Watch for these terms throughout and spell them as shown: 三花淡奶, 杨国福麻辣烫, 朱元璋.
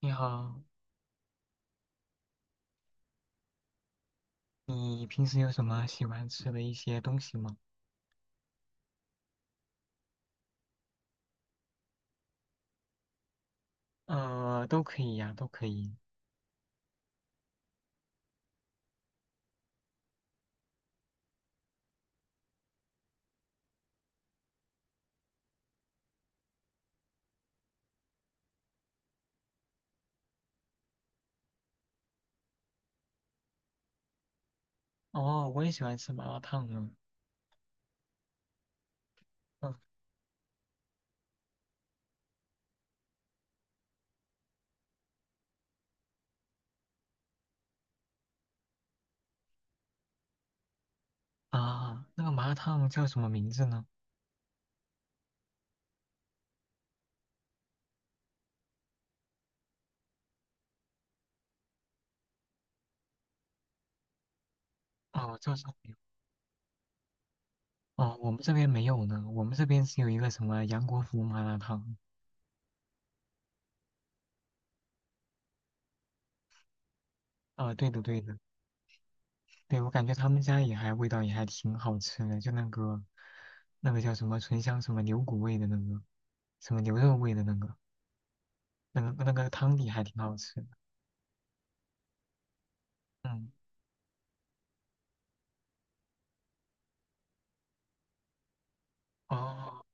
你好，你平时有什么喜欢吃的一些东西吗？都可以呀，都可以。哦，我也喜欢吃麻辣烫呢。嗯。啊，那个麻辣烫叫什么名字呢？哦，叫什么名？哦，我们这边没有呢，我们这边只有一个什么杨国福麻辣烫。啊，对的对的。对，我感觉他们家也还味道也还挺好吃的，就那个叫什么醇香什么牛骨味的那个，什么牛肉味的那个，那个汤底还挺好吃的。嗯。哦，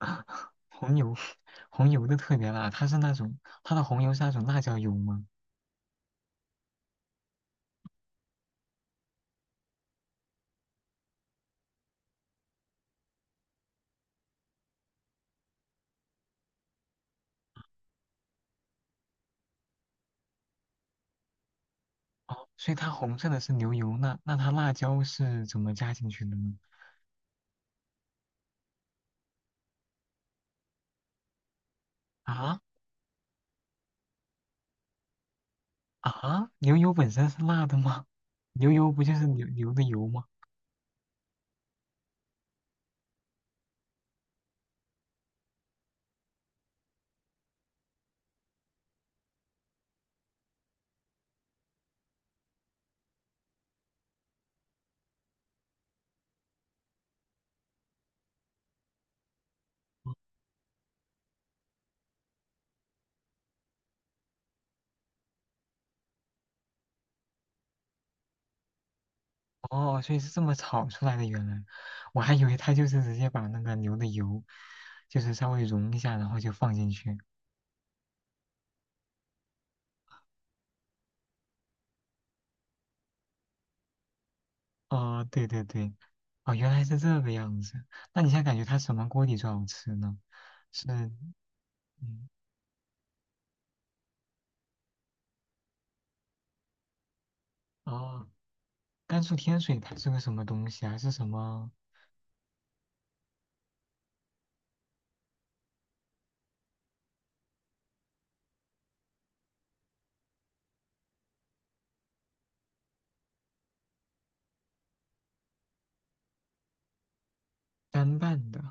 红油，红油的特别辣，它是那种它的红油是那种辣椒油吗？哦，所以它红色的是牛油，那它辣椒是怎么加进去的呢？啊。啊，牛油本身是辣的吗？牛油不就是牛的油吗？哦，所以是这么炒出来的，原来我还以为它就是直接把那个牛的油，就是稍微融一下，然后就放进去。哦，对对对。哦，原来是这个样子。那你现在感觉它什么锅底最好吃呢？是，嗯。哦，甘肃天水它是个什么东西啊？是什么干拌的？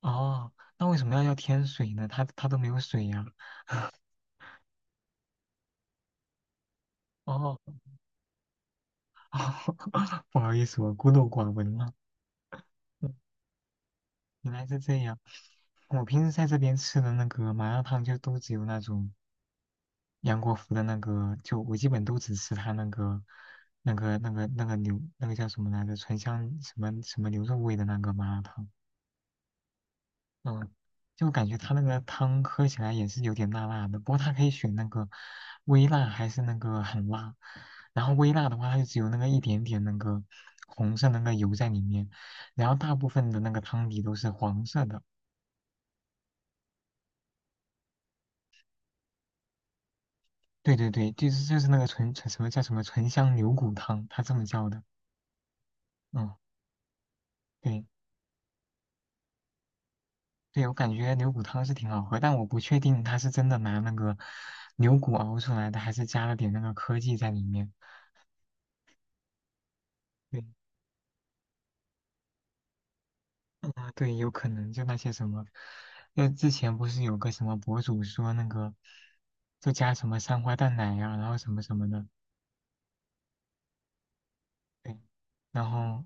哦，那为什么要叫天水呢？它都没有水呀、哦，不好意思，我孤陋寡闻了。嗯，原来是这样。我平时在这边吃的那个麻辣烫，就都只有那种杨国福的那个，就我基本都只吃他那个、那个、那个、那个牛，那个叫什么来着？醇香什么什么牛肉味的那个麻辣烫。嗯，就感觉它那个汤喝起来也是有点辣辣的，不过它可以选那个微辣还是那个很辣。然后微辣的话，它就只有那个一点点那个红色那个油在里面，然后大部分的那个汤底都是黄色的。对对对，就是那个纯纯什么叫什么醇香牛骨汤，它这么叫的。嗯，对对。我感觉牛骨汤是挺好喝，但我不确定它是真的拿那个牛骨熬出来的，还是加了点那个科技在里面。对啊，对，有可能就那些什么，那之前不是有个什么博主说那个，就加什么三花淡奶呀、然后什么什么的，对，然后，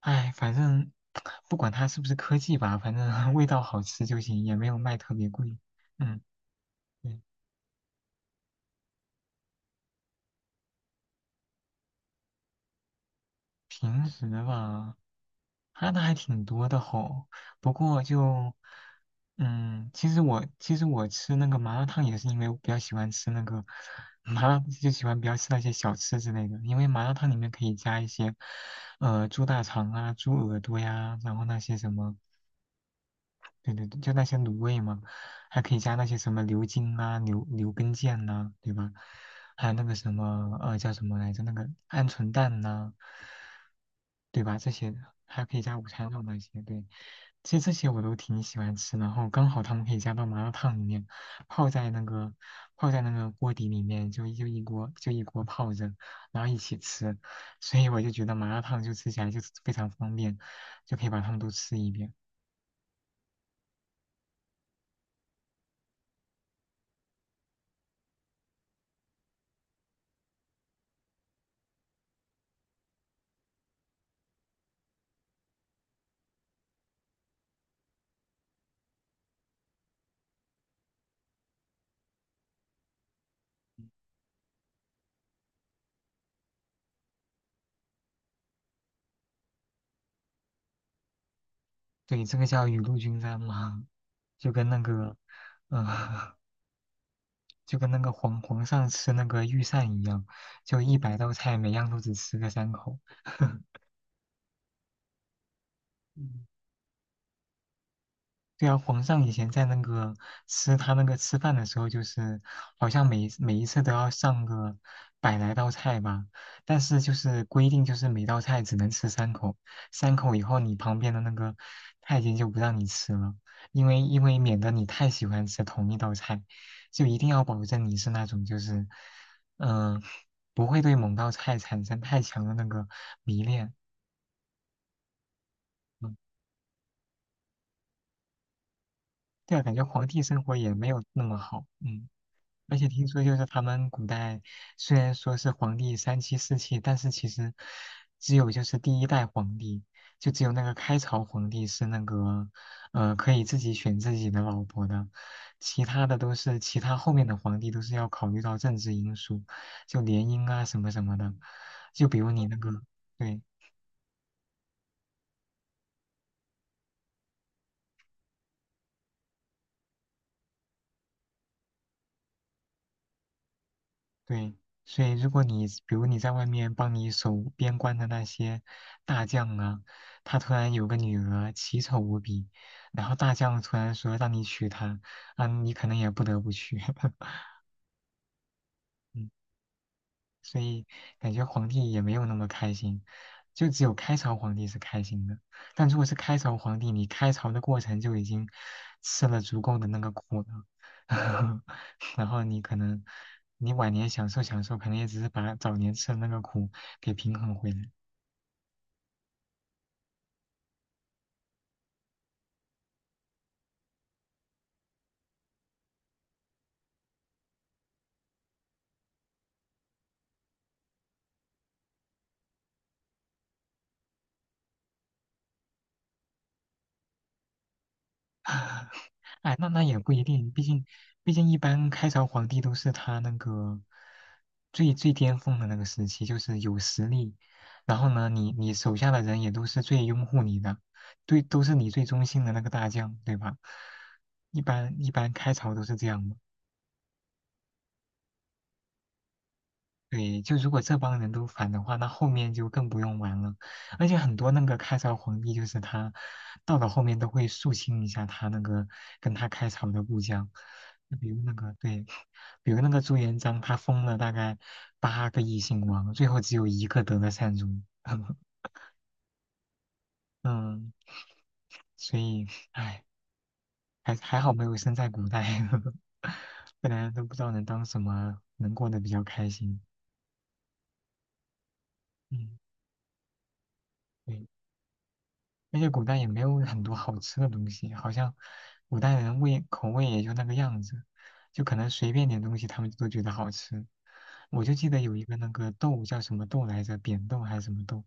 哎，反正 不管它是不是科技吧，反正 味道好吃就行，也没有卖特别贵。嗯，对。平时吧，看的还挺多的吼。不过就，嗯，其实我吃那个麻辣烫也是因为我比较喜欢吃那个麻辣，就喜欢比较吃那些小吃之类的。因为麻辣烫里面可以加一些，猪大肠啊、猪耳朵呀，然后那些什么对对对，就那些卤味嘛，还可以加那些什么牛筋啊、牛根腱呐、对吧？还有那个什么叫什么来着？那个鹌鹑蛋呐、对吧？这些的还可以加午餐肉那些，对。其实这些我都挺喜欢吃。然后刚好他们可以加到麻辣烫里面，泡在那个泡在那个锅底里面，就一锅泡着，然后一起吃。所以我就觉得麻辣烫就吃起来就是非常方便，就可以把它们都吃一遍。对，这个叫雨露均沾嘛，就跟那个，呃，就跟那个皇上吃那个御膳一样，就100道菜，每样都只吃个三口。嗯。对啊，皇上以前在那个吃他那个吃饭的时候，就是好像每一次都要上个100来道菜吧，但是就是规定就是每道菜只能吃三口，三口以后你旁边的那个太监就不让你吃了，因为免得你太喜欢吃同一道菜，就一定要保证你是那种就是嗯、呃不会对某道菜产生太强的那个迷恋。嗯，对啊，感觉皇帝生活也没有那么好，嗯。而且听说就是他们古代虽然说是皇帝三妻四妾，但是其实只有就是第1代皇帝，就只有那个开朝皇帝是那个可以自己选自己的老婆的，其他的都是其他后面的皇帝都是要考虑到政治因素，就联姻啊什么什么的，就比如你那个对对，所以如果你比如你在外面帮你守边关的那些大将啊，他突然有个女儿奇丑无比，然后大将突然说让你娶她，啊，你可能也不得不娶。嗯。所以感觉皇帝也没有那么开心，就只有开朝皇帝是开心的。但如果是开朝皇帝，你开朝的过程就已经吃了足够的那个苦了，然后你可能你晚年享受享受，可能也只是把早年吃的那个苦给平衡回来。哎，那那也不一定，毕竟一般开朝皇帝都是他那个最巅峰的那个时期，就是有实力，然后呢，你手下的人也都是最拥护你的，对，都是你最忠心的那个大将，对吧？一般开朝都是这样的。对，就如果这帮人都反的话，那后面就更不用玩了。而且很多那个开朝皇帝，就是他到了后面都会肃清一下他那个跟他开朝的部将，就比如那个对，比如那个朱元璋，他封了大概8个异姓王，最后只有一个得了善终。嗯。所以唉，还好没有生在古代，不然都不知道能当什么，能过得比较开心。嗯，对。而且古代也没有很多好吃的东西，好像古代人味口味也就那个样子，就可能随便点东西他们都觉得好吃。我就记得有一个那个豆叫什么豆来着，扁豆还是什么豆？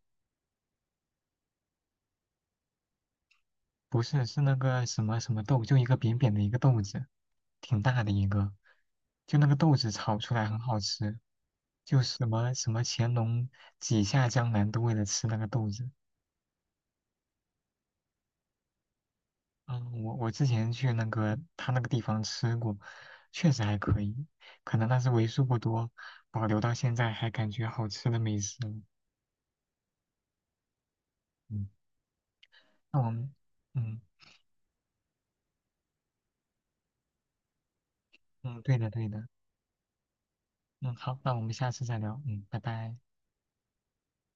不是，是那个什么什么豆，就一个扁扁的一个豆子，挺大的一个，就那个豆子炒出来很好吃，就什么什么乾隆几下江南都为了吃那个豆子。嗯，我之前去那个他那个地方吃过，确实还可以，可能那是为数不多保留到现在还感觉好吃的美食了。嗯，那我们，嗯。嗯，对的对的。嗯，好，那我们下次再聊，嗯，拜拜。